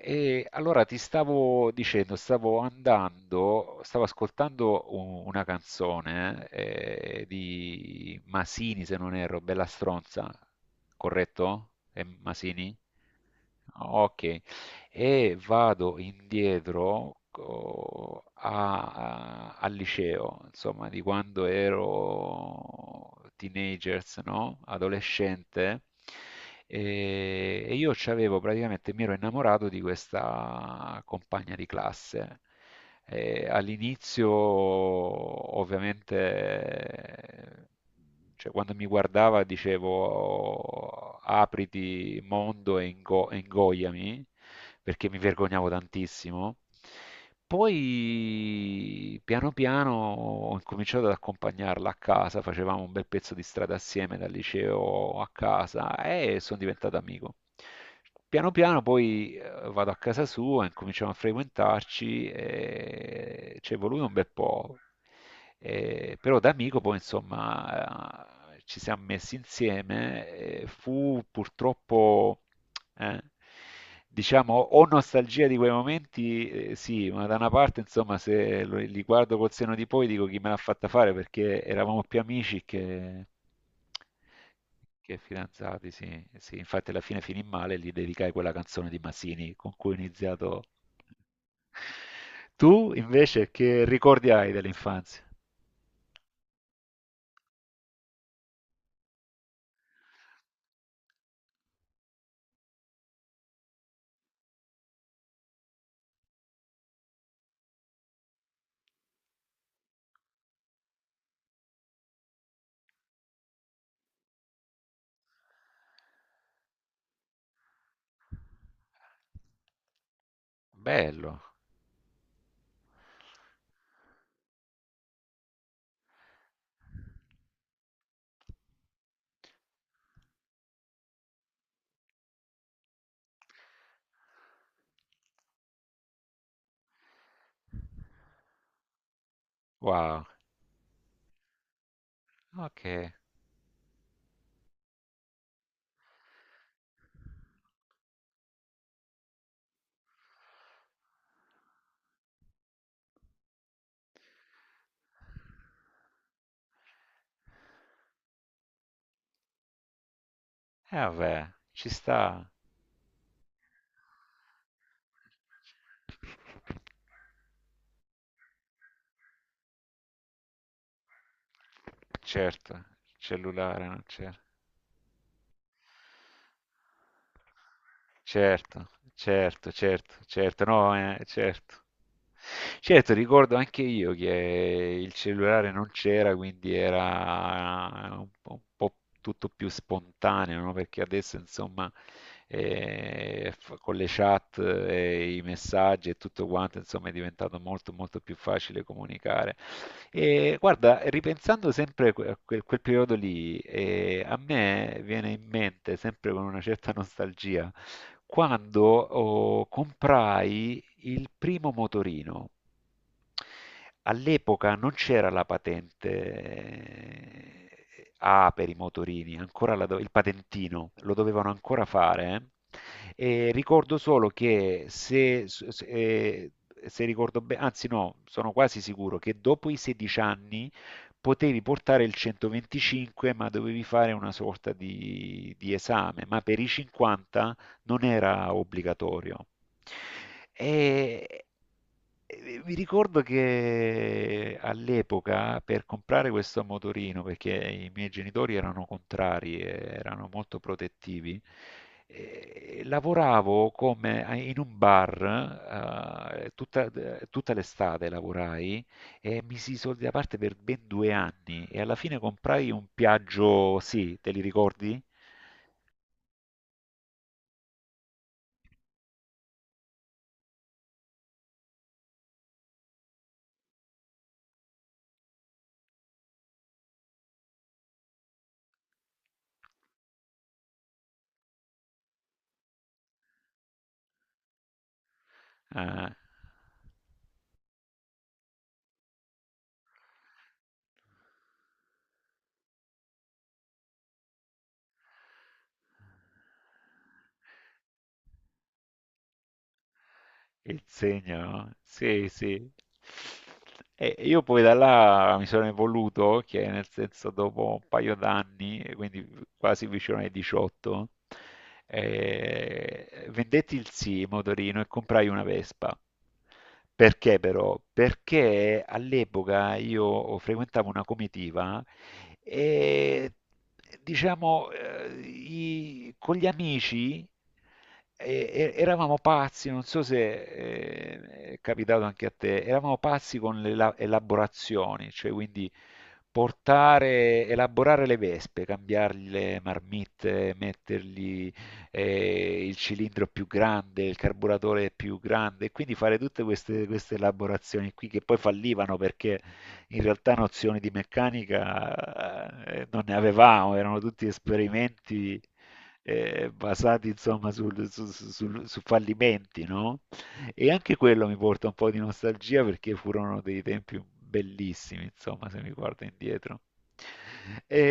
E allora ti stavo dicendo, stavo andando, stavo ascoltando una canzone di Masini, se non erro, Bella Stronza, corretto? È Masini? Ok, e vado indietro al liceo, insomma, di quando ero teenagers, no? Adolescente. E io c'avevo praticamente, mi ero innamorato di questa compagna di classe. All'inizio, ovviamente, cioè, quando mi guardava dicevo apriti mondo e ingoiami, perché mi vergognavo tantissimo. Poi piano piano ho incominciato ad accompagnarla a casa, facevamo un bel pezzo di strada assieme dal liceo a casa e sono diventato amico. Piano piano poi vado a casa sua, incominciamo a frequentarci, e ci è voluto un bel po'. Però da amico poi insomma ci siamo messi insieme, fu purtroppo, eh, diciamo, ho nostalgia di quei momenti, sì, ma da una parte insomma se li guardo col seno di poi dico chi me l'ha fatta fare perché eravamo più amici che... Che fidanzati, sì, sì, infatti alla fine finì male, gli dedicai quella canzone di Masini con cui ho iniziato. Tu invece che ricordi hai dell'infanzia? Bello, wow, ok, e vabbè, ci sta. Certo, cellulare non c'era. Certo, certo, certo, certo, no, certo. Certo, ricordo anche io che il cellulare non c'era, quindi era un po' tutto più spontaneo, no? Perché adesso, insomma, e con le chat e i messaggi e tutto quanto, insomma, è diventato molto molto più facile comunicare. E guarda, ripensando sempre a quel periodo lì, a me viene in mente, sempre con una certa nostalgia, quando oh, comprai il primo motorino. All'epoca non c'era la patente A per i motorini, ancora la il patentino, lo dovevano ancora fare. E ricordo solo che se ricordo bene, anzi no, sono quasi sicuro che dopo i 16 anni potevi portare il 125, ma dovevi fare una sorta di esame, ma per i 50 non era obbligatorio. E, e Vi ricordo che all'epoca per comprare questo motorino, perché i miei genitori erano contrari, erano molto protettivi, lavoravo come in un bar, tutta l'estate lavorai e misi i soldi da parte per ben 2 anni e alla fine comprai un Piaggio, sì, te li ricordi? Ah. Il segno, no? Sì, sì. E io poi da là mi sono evoluto, che nel senso dopo un paio d'anni, e quindi quasi vicino ai 18, vendetti il sì motorino e comprai una Vespa. Perché però? Perché all'epoca io frequentavo una comitiva e diciamo, con gli amici eravamo pazzi, non so se è capitato anche a te, eravamo pazzi con le elaborazioni, cioè quindi portare, elaborare le vespe, cambiargli le marmitte, mettergli il cilindro più grande, il carburatore più grande, e quindi fare tutte queste elaborazioni qui che poi fallivano perché in realtà nozioni di meccanica non ne avevamo, erano tutti esperimenti basati insomma su fallimenti, no? E anche quello mi porta un po' di nostalgia perché furono dei tempi bellissimi, insomma, se mi guardo indietro. E,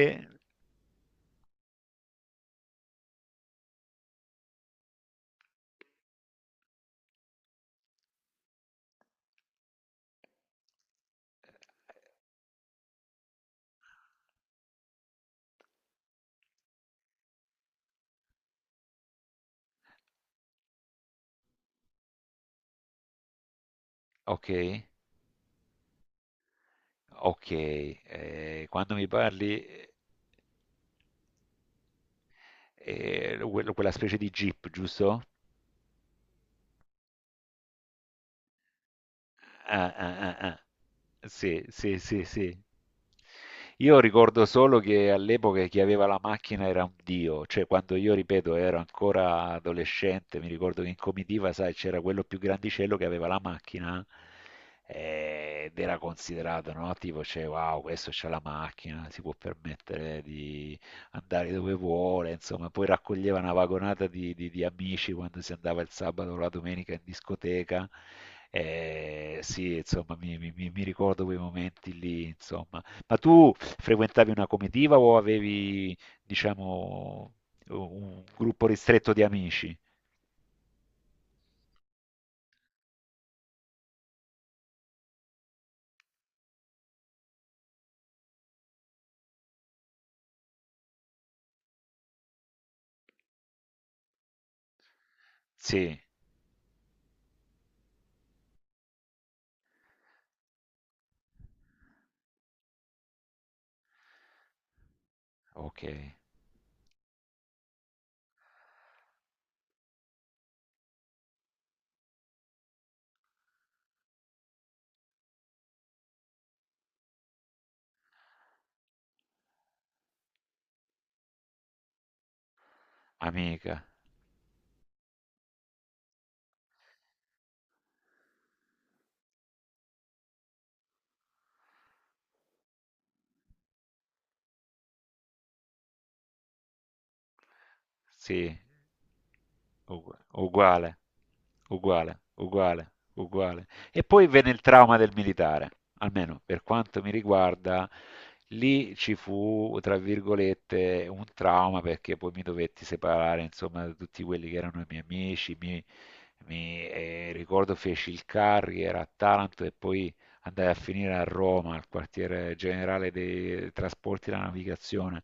ok, ok, quando mi parli, quella specie di Jeep, giusto? Ah, ah, ah, ah. Sì, sì, sì, sì. Io ricordo solo che all'epoca chi aveva la macchina era un dio, cioè quando io, ripeto, ero ancora adolescente, mi ricordo che in comitiva, sai, c'era quello più grandicello che aveva la macchina ed era considerato, no? Tipo, cioè, wow, questo c'ha la macchina, si può permettere di andare dove vuole, insomma, poi raccoglieva una vagonata di amici quando si andava il sabato o la domenica in discoteca. Sì, insomma, mi ricordo quei momenti lì, insomma. Ma tu frequentavi una comitiva o avevi, diciamo, un gruppo ristretto di amici? Sì, ok, amica. Sì, uguale, uguale, uguale, uguale. E poi venne il trauma del militare, almeno per quanto mi riguarda, lì ci fu, tra virgolette, un trauma perché poi mi dovetti separare, insomma, da tutti quelli che erano i miei amici. Ricordo feci il carrier a Taranto e poi andai a finire a Roma, al quartiere generale dei trasporti e della navigazione.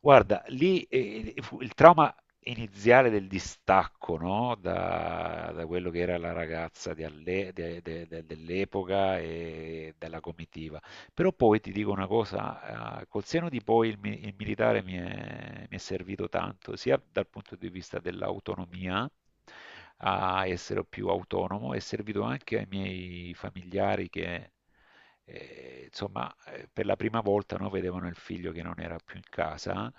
Guarda, lì il trauma iniziale del distacco, no? Da quello che era la ragazza di alle- de- de- de- dell'epoca e della comitiva. Però poi ti dico una cosa, col seno di poi il militare mi è servito tanto, sia dal punto di vista dell'autonomia, a essere più autonomo, è servito anche ai miei familiari che, insomma, per la prima volta no, vedevano il figlio che non era più in casa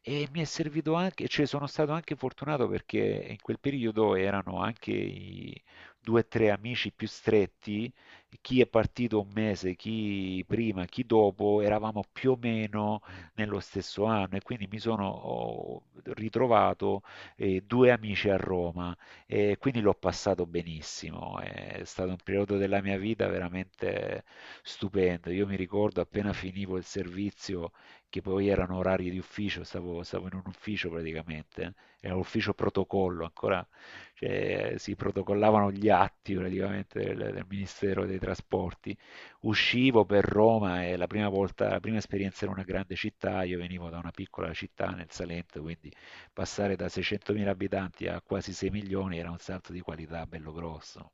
e mi è servito anche, cioè sono stato anche fortunato perché in quel periodo erano anche i due o tre amici più stretti chi è partito un mese, chi prima, chi dopo, eravamo più o meno nello stesso anno e quindi mi sono ho ritrovato due amici a Roma e quindi l'ho passato benissimo. È stato un periodo della mia vita veramente stupendo. Io mi ricordo appena finivo il servizio, che poi erano orari di ufficio, stavo in un ufficio praticamente, era un ufficio protocollo, ancora cioè, si protocollavano gli atti praticamente del Ministero dei Trasporti. Uscivo per Roma e la prima volta, la prima esperienza in una grande città, io venivo da una piccola città nel Salento, quindi passare da 600.000 abitanti a quasi 6 milioni era un salto di qualità bello grosso.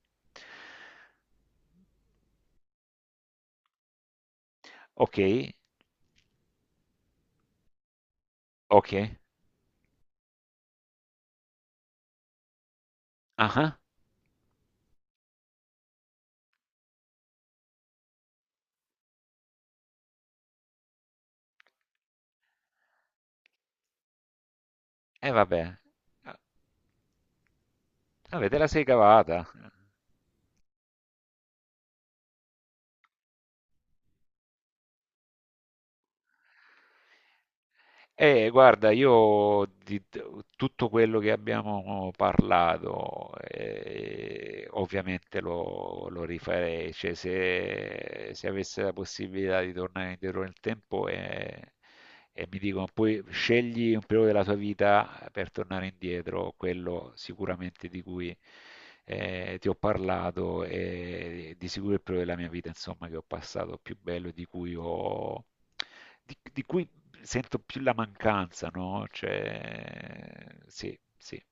Ok, ok, ah, e vabbè, avete la sei cavata. Guarda, io tutto quello che abbiamo parlato, ovviamente lo rifarei, cioè se avessi la possibilità di tornare indietro nel tempo, e mi dicono poi scegli un periodo della tua vita per tornare indietro, quello sicuramente di cui ti ho parlato e di sicuro il periodo della mia vita, insomma, che ho passato più bello e di cui di cui sento più la mancanza, no? Cioè, sì, sì.